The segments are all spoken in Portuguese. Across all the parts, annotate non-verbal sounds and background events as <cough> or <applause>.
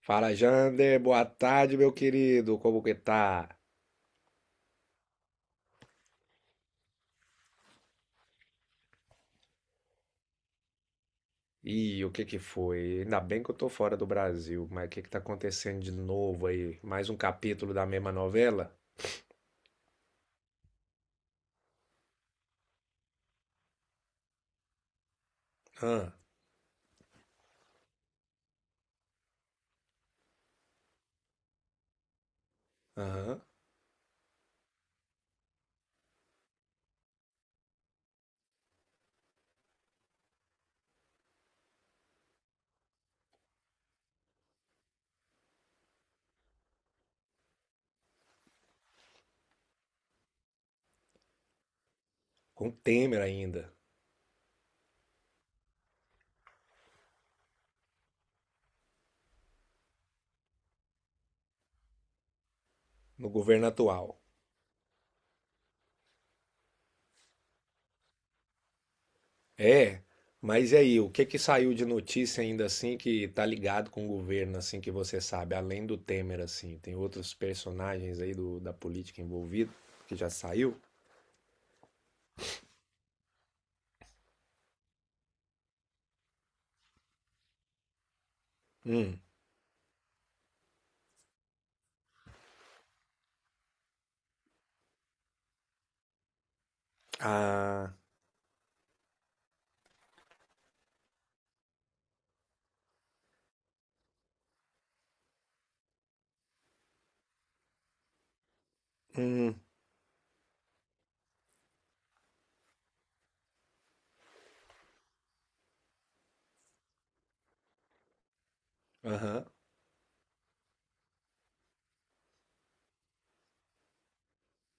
Fala, Jander, boa tarde, meu querido. Como que tá? Ih, o que que foi? Ainda bem que eu tô fora do Brasil, mas o que que tá acontecendo de novo aí? Mais um capítulo da mesma novela? Ah, aham. Com Temer ainda, no governo atual. É, mas e aí, o que que saiu de notícia ainda assim que tá ligado com o governo, assim, que você sabe, além do Temer, assim? Tem outros personagens aí da política envolvida que já saiu? Hum. Ah, hum, aham,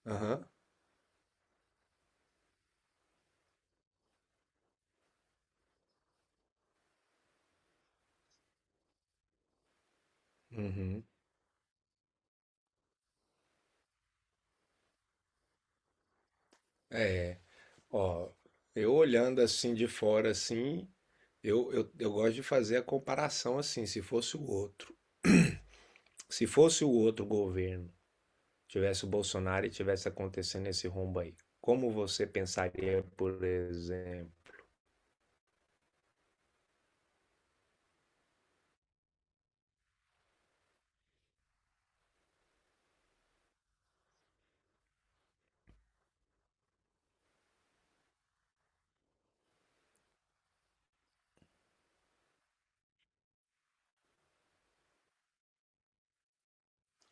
aham. Uhum. É, ó, eu olhando assim de fora assim, eu gosto de fazer a comparação assim, se fosse o outro, se fosse o outro governo, tivesse o Bolsonaro e tivesse acontecendo esse rombo aí, como você pensaria, por exemplo?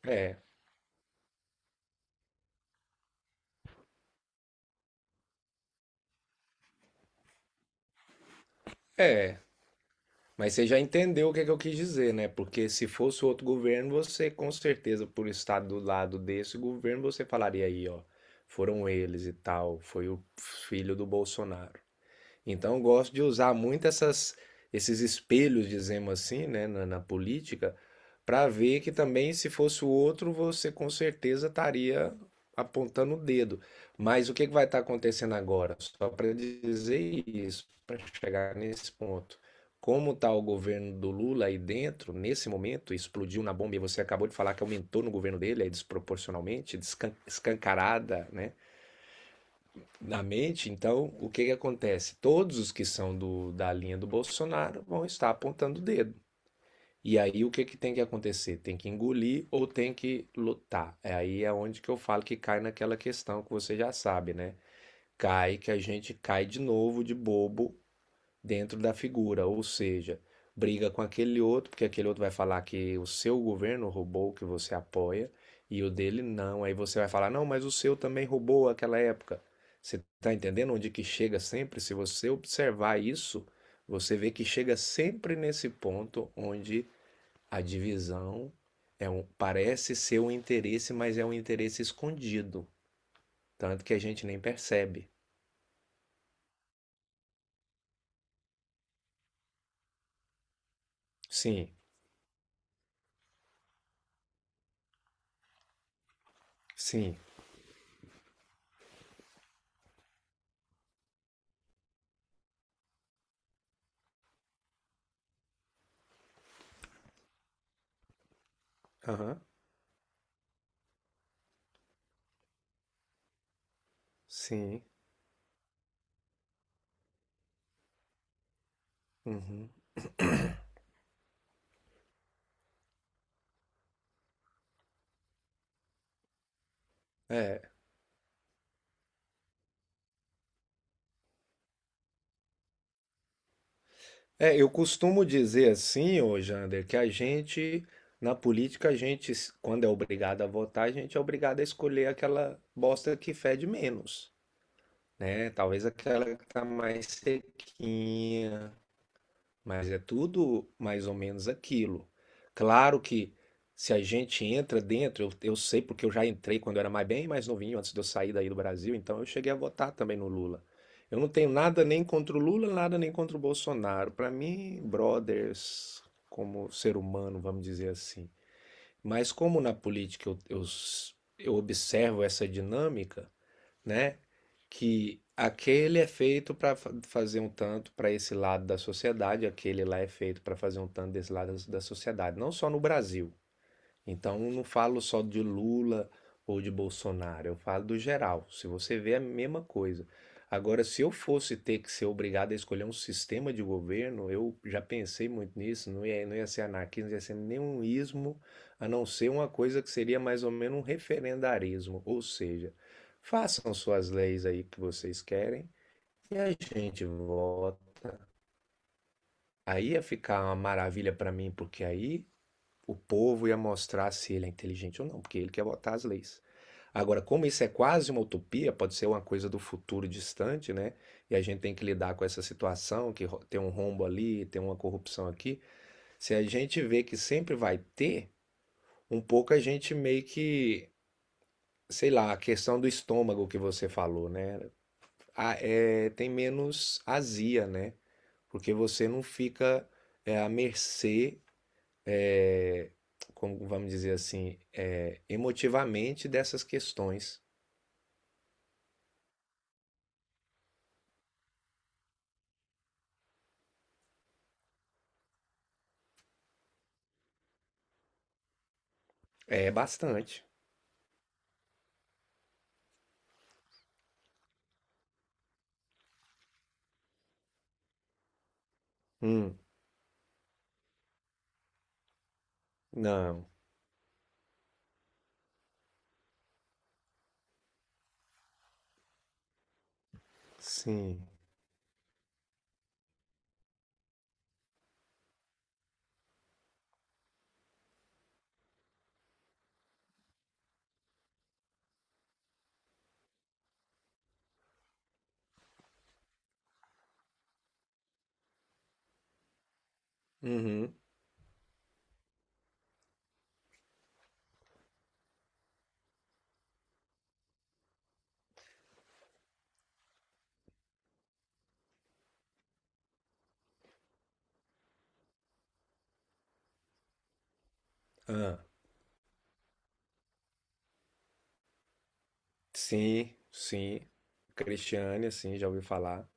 É, é, mas você já entendeu o que é que eu quis dizer, né? Porque se fosse outro governo, você com certeza, por estar do lado desse governo, você falaria aí, ó, foram eles e tal, foi o filho do Bolsonaro. Então, eu gosto de usar muito essas, esses espelhos, dizemos assim, né, na política, para ver que também, se fosse o outro, você com certeza estaria apontando o dedo. Mas o que que vai estar acontecendo agora? Só para dizer isso, para chegar nesse ponto. Como está o governo do Lula aí dentro, nesse momento, explodiu na bomba e você acabou de falar que aumentou no governo dele, aí desproporcionalmente, escancarada, né? Na mente, então o que que acontece? Todos os que são da linha do Bolsonaro vão estar apontando o dedo. E aí o que que tem que acontecer? Tem que engolir ou tem que lutar? É aí é onde que eu falo que cai naquela questão que você já sabe, né? Cai que a gente cai de novo de bobo dentro da figura, ou seja, briga com aquele outro, porque aquele outro vai falar que o seu governo roubou o que você apoia e o dele não. Aí você vai falar, não, mas o seu também roubou aquela época. Você está entendendo onde que chega sempre? Se você observar isso, você vê que chega sempre nesse ponto onde a divisão é um, parece ser um interesse, mas é um interesse escondido, tanto que a gente nem percebe. Sim, sim, aham, sim, uhum, é. É, eu costumo dizer assim, ô Jander, que a gente, na política, a gente, quando é obrigado a votar, a gente é obrigado a escolher aquela bosta que fede menos, né? Talvez aquela que tá mais sequinha, mas é tudo mais ou menos aquilo. Claro que se a gente entra dentro, eu sei porque eu já entrei quando eu era mais bem mais novinho, antes de eu sair daí do Brasil, então eu cheguei a votar também no Lula. Eu não tenho nada nem contra o Lula, nada nem contra o Bolsonaro. Para mim, brothers, como ser humano, vamos dizer assim. Mas como na política eu observo essa dinâmica, né? Que aquele é feito para fazer um tanto para esse lado da sociedade, aquele lá é feito para fazer um tanto desse lado da sociedade, não só no Brasil, então, eu não falo só de Lula ou de Bolsonaro, eu falo do geral. Se você vê, é a mesma coisa. Agora, se eu fosse ter que ser obrigado a escolher um sistema de governo, eu já pensei muito nisso, não ia ser anarquismo, não ia ser nenhum ismo, a não ser uma coisa que seria mais ou menos um referendarismo. Ou seja, façam suas leis aí que vocês querem e a gente vota. Aí ia ficar uma maravilha para mim, porque aí o povo ia mostrar se ele é inteligente ou não, porque ele quer botar as leis. Agora, como isso é quase uma utopia, pode ser uma coisa do futuro distante, né? E a gente tem que lidar com essa situação, que tem um rombo ali, tem uma corrupção aqui. Se a gente vê que sempre vai ter, um pouco a gente meio que, sei lá, a questão do estômago que você falou, né? Ah, é, tem menos azia, né? Porque você não fica à mercê é, como vamos dizer assim, emotivamente dessas questões. É bastante. Hum, não, sim, uhum, ah, sim, sim. Cristiane, assim, já ouvi falar.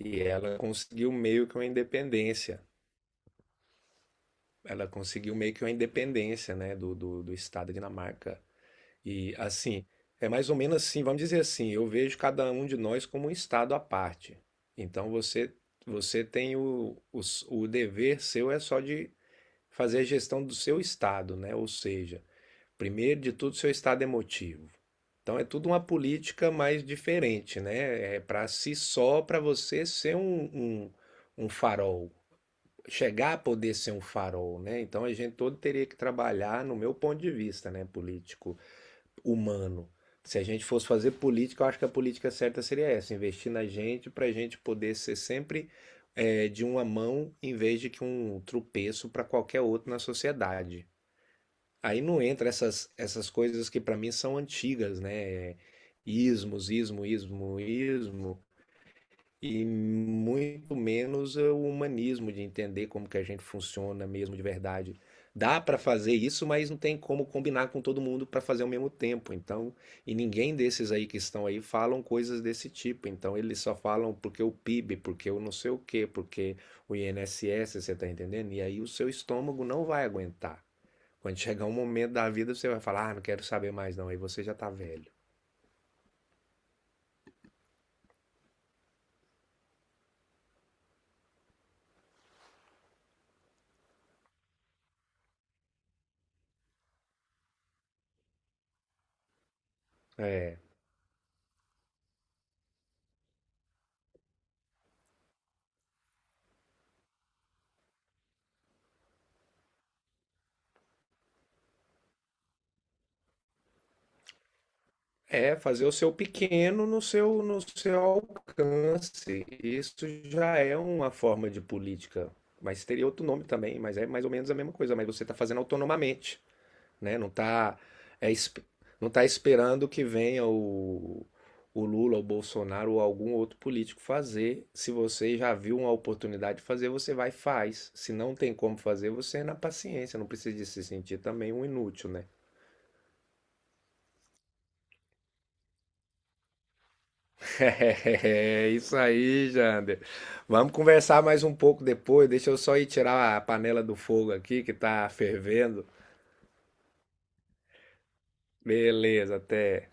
E ela conseguiu meio que uma independência. Ela conseguiu meio que uma independência, né, do Estado da Dinamarca. E assim, é mais ou menos assim, vamos dizer assim, eu vejo cada um de nós como um estado à parte. Então você tem o dever seu é só de fazer a gestão do seu estado, né? Ou seja, primeiro de tudo seu estado emotivo. Então é tudo uma política mais diferente, né? É para si só, para você ser um, um farol, chegar a poder ser um farol, né? Então a gente todo teria que trabalhar, no meu ponto de vista, né, político humano. Se a gente fosse fazer política, eu acho que a política certa seria essa: investir na gente para a gente poder ser sempre de uma mão em vez de que um tropeço para qualquer outro na sociedade. Aí não entra essas coisas que para mim são antigas, né? É ismos, ismo, ismo, ismo, e muito menos o humanismo de entender como que a gente funciona mesmo de verdade. Dá para fazer isso, mas não tem como combinar com todo mundo para fazer ao mesmo tempo. Então, e ninguém desses aí que estão aí falam coisas desse tipo. Então, eles só falam porque o PIB, porque o não sei o quê, porque o INSS, você está entendendo? E aí o seu estômago não vai aguentar. Quando chegar um momento da vida, você vai falar: "Ah, não quero saber mais não". Aí você já tá velho. É. É, fazer o seu pequeno no seu alcance. Isso já é uma forma de política. Mas teria outro nome também, mas é mais ou menos a mesma coisa. Mas você está fazendo autonomamente, né? É, esp- não tá esperando que venha o Lula, o Bolsonaro ou algum outro político fazer. Se você já viu uma oportunidade de fazer, você vai e faz. Se não tem como fazer, você é na paciência. Não precisa de se sentir também um inútil, né? <laughs> É isso aí, Jander. Vamos conversar mais um pouco depois. Deixa eu só ir tirar a panela do fogo aqui que tá fervendo. Beleza, até.